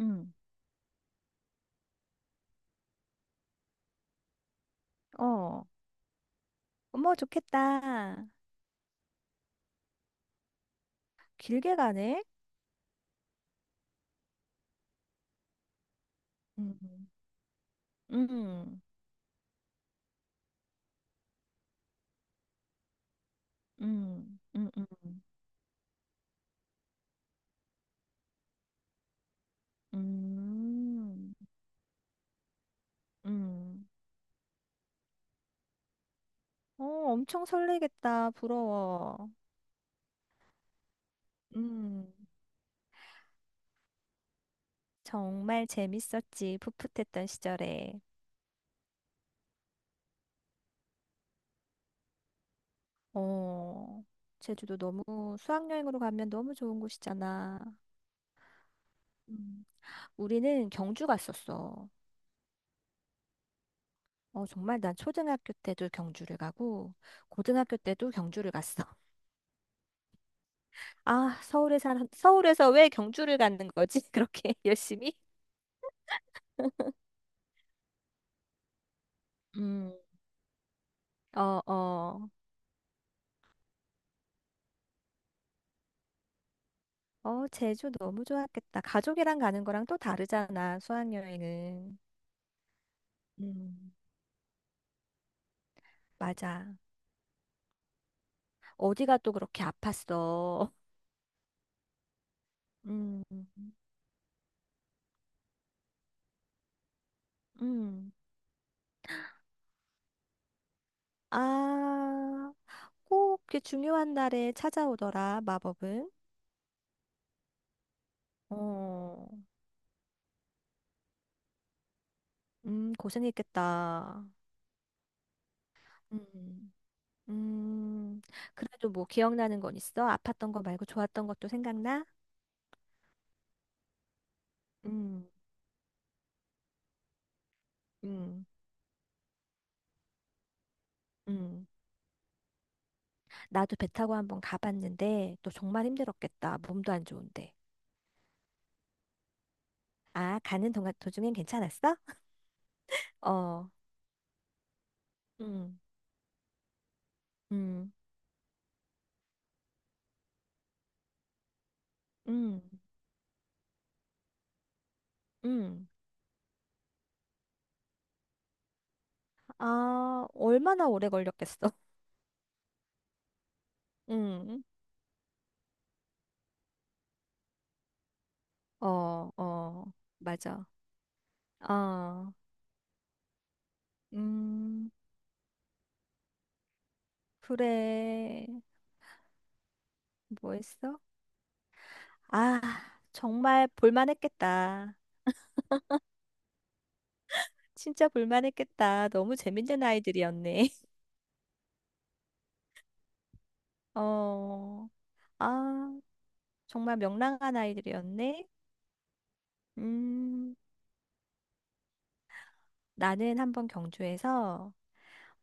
응. 어. 어머, 좋겠다. 길게 가네. 음. 음, 음, 음, 음, 음, 음. 어, 엄청 설레겠다. 부러워. 음, 정말 재밌었지. 풋풋했던 시절에. 어, 제주도 너무 수학여행으로 가면 너무 좋은 곳이잖아. 음. 우리는 경주 갔었어. 어, 정말 난 초등학교 때도 경주를 가고, 고등학교 때도 경주를 갔어. 아, 서울에 살, 서울에서 왜 경주를 가는 거지? 그렇게 열심히? 음, 어, 어. 어, 제주 너무 좋았겠다. 가족이랑 가는 거랑 또 다르잖아, 수학여행은. 음, 맞아. 어디가 또 그렇게 아팠어. 음. 음. 아, 꼭 그 중요한 날에 찾아오더라, 마법은. 어, 고생했겠다. 음. 음, 그래도 뭐 기억나는 건 있어? 아팠던 거 말고 좋았던 것도 생각나? 음, 음, 음. 나도 배 타고 한번 가봤는데 너 정말 힘들었겠다. 몸도 안 좋은데. 아, 가는 동안 도중엔 괜찮았어? 어, 음, 음, 음, 음. 아, 얼마나 오래 걸렸겠어? 음, 어, 어, 맞아. 어, 음, 그래. 뭐 했어? 아, 정말 볼만했겠다. 진짜 볼만했겠다. 너무 재밌는 아이들이었네. 어, 아, 정말 명랑한 아이들이었네. 음, 나는 한번 경주에서,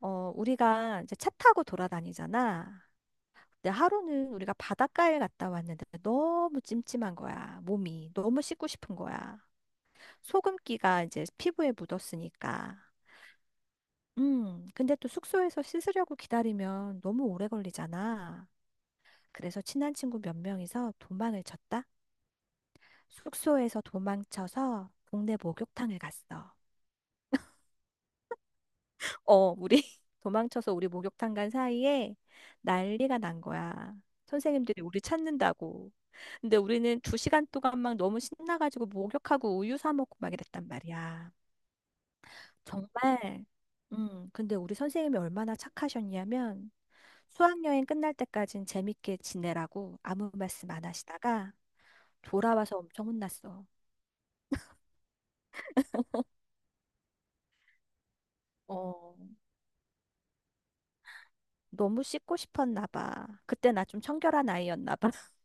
어, 우리가 이제 차 타고 돌아다니잖아. 근데 하루는 우리가 바닷가에 갔다 왔는데 너무 찜찜한 거야. 몸이. 너무 씻고 싶은 거야. 소금기가 이제 피부에 묻었으니까. 근데 또 숙소에서 씻으려고 기다리면 너무 오래 걸리잖아. 그래서 친한 친구 몇 명이서 도망을 쳤다. 숙소에서 도망쳐서 동네 목욕탕을 갔어. 어, 우리 도망쳐서 우리 목욕탕 간 사이에 난리가 난 거야. 선생님들이 우리 찾는다고. 근데 우리는 2시간 동안 막 너무 신나가지고 목욕하고 우유 사 먹고 막 이랬단 말이야. 정말. 근데 우리 선생님이 얼마나 착하셨냐면 수학여행 끝날 때까진 재밌게 지내라고 아무 말씀 안 하시다가 돌아와서 엄청 혼났어. 어. 너무 씻고 싶었나 봐. 그때 나 좀 청결한 아이였나 봐.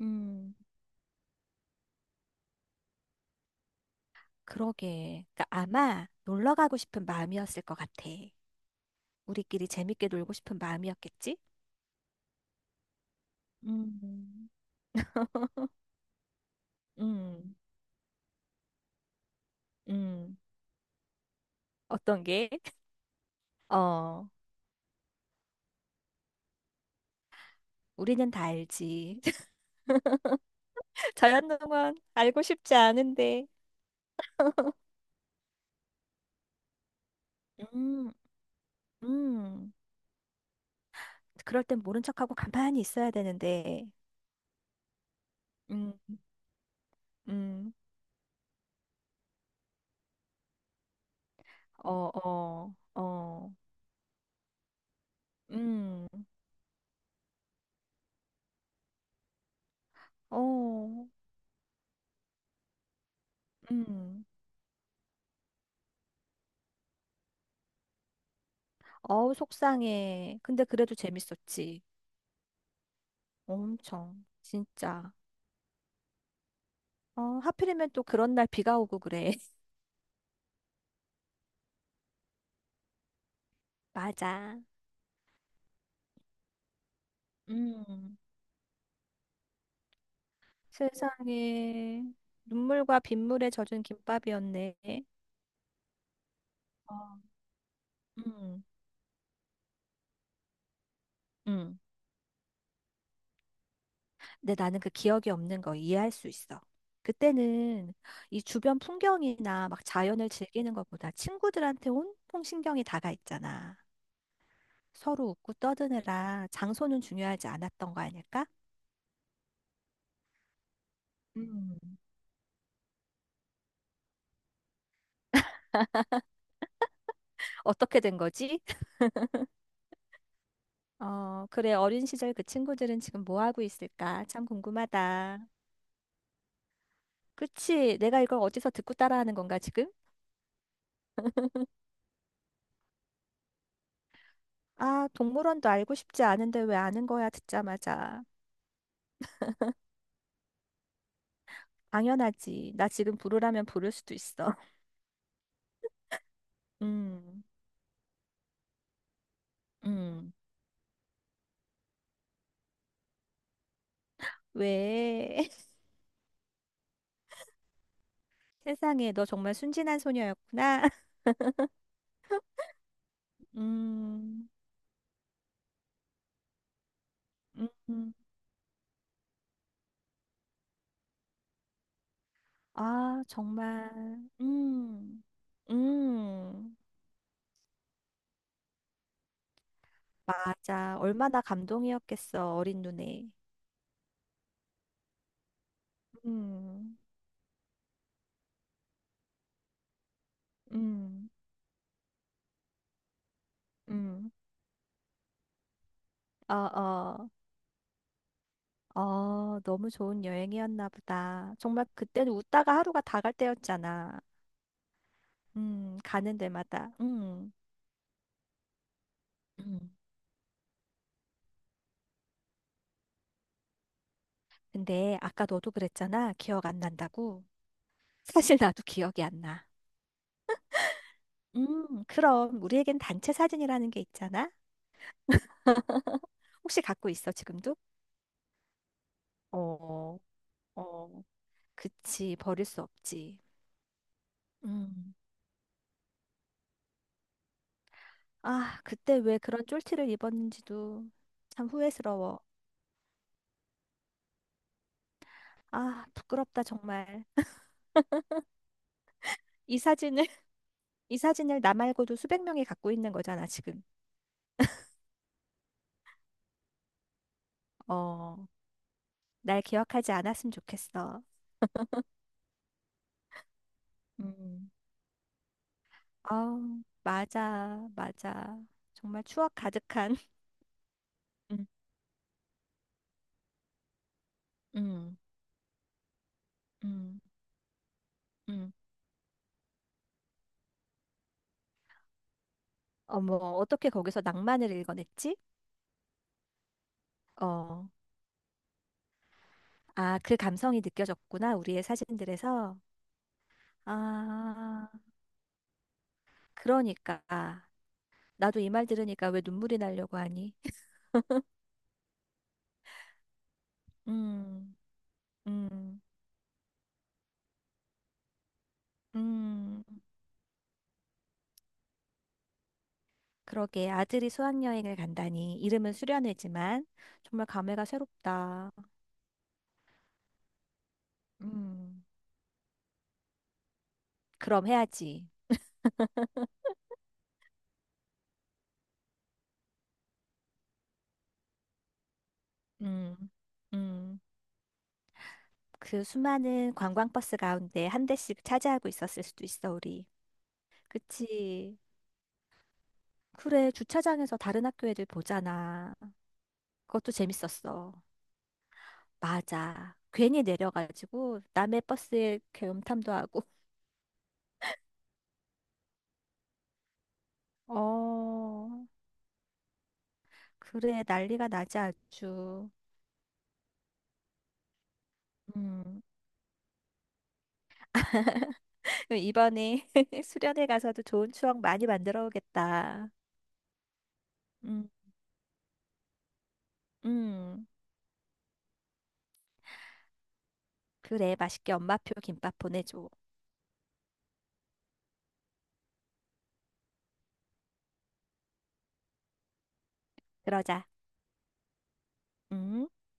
음, 그러게. 그러니까 아마 놀러 가고 싶은 마음이었을 것 같아. 우리끼리 재밌게 놀고 싶은 마음이었겠지? 음, 음, 음. 어떤 게? 어, 우리는 다 알지. 자연농원 알고 싶지 않은데. 음, 음. 그럴 땐 모른 척하고 가만히 있어야 되는데. 음, 음. 어, 어, 어. 음, 어. 음. 어우, 속상해. 근데 그래도 재밌었지. 엄청. 진짜. 어, 하필이면 또 그런 날 비가 오고 그래. 맞아. 음. 세상에. 눈물과 빗물에 젖은 김밥이었네. 어. 음. 음. 근데 나는 그 기억이 없는 거 이해할 수 있어. 그때는 이 주변 풍경이나 막 자연을 즐기는 것보다 친구들한테 온통 신경이 다가 있잖아. 서로 웃고 떠드느라 장소는 중요하지 않았던 거 아닐까? 음. 어떻게 된 거지? 어, 그래, 어린 시절 그 친구들은 지금 뭐 하고 있을까? 참 궁금하다. 그치? 내가 이걸 어디서 듣고 따라하는 건가, 지금? 아, 동물원도 알고 싶지 않은데 왜 아는 거야, 듣자마자. 당연하지. 나 지금 부르라면 부를 수도 있어. 음, 음. 왜? 세상에, 너 정말 순진한 소녀였구나. 음, 음. 아, 정말. 음, 음. 맞아. 얼마나 감동이었겠어, 어린 눈에. 음, 음, 음. 어, 어, 어, 너무 좋은 여행이었나 보다. 정말 그때는 웃다가 하루가 다 갈 때였잖아. 가는 데마다. 음. 근데 아까 너도 그랬잖아. 기억 안 난다고. 사실 나도 기억이 안 나. 그럼 우리에겐 단체 사진이라는 게 있잖아. 혹시 갖고 있어, 지금도? 어, 어, 그치, 버릴 수 없지. 음. 아, 그때 왜 그런 쫄티를 입었는지도 참 후회스러워. 아, 부끄럽다, 정말. 이 사진을, 이 사진을 나 말고도 수백 명이 갖고 있는 거잖아, 지금. 어, 날 기억하지 않았으면 좋겠어. 음, 아, 맞아, 맞아. 정말 추억 가득한. 음, 음, 음, 음. 어머, 어떻게 거기서 낭만을 읽어냈지? 어, 아, 그 감성이 느껴졌구나, 우리의 사진들에서. 아, 그러니까. 나도 이 말 들으니까 왜 눈물이 나려고 하니? 음, 음, 음. 그러게 아들이 수학여행을 간다니 이름은 수련회지만 정말 감회가 새롭다. 음, 그럼 해야지. 음, 음. 그 수많은 관광버스 가운데 한 대씩 차지하고 있었을 수도 있어, 우리. 그치. 그래, 주차장에서 다른 학교 애들 보잖아. 그것도 재밌었어. 맞아. 괜히 내려가지고 남의 버스에 이렇게 음탐도 하고. 어, 그래, 난리가 나지 아주. 음. 이번에 수련회 가서도 좋은 추억 많이 만들어 오겠다. 음. 음. 그래, 맛있게 엄마표 김밥 보내줘. 그러자. 음.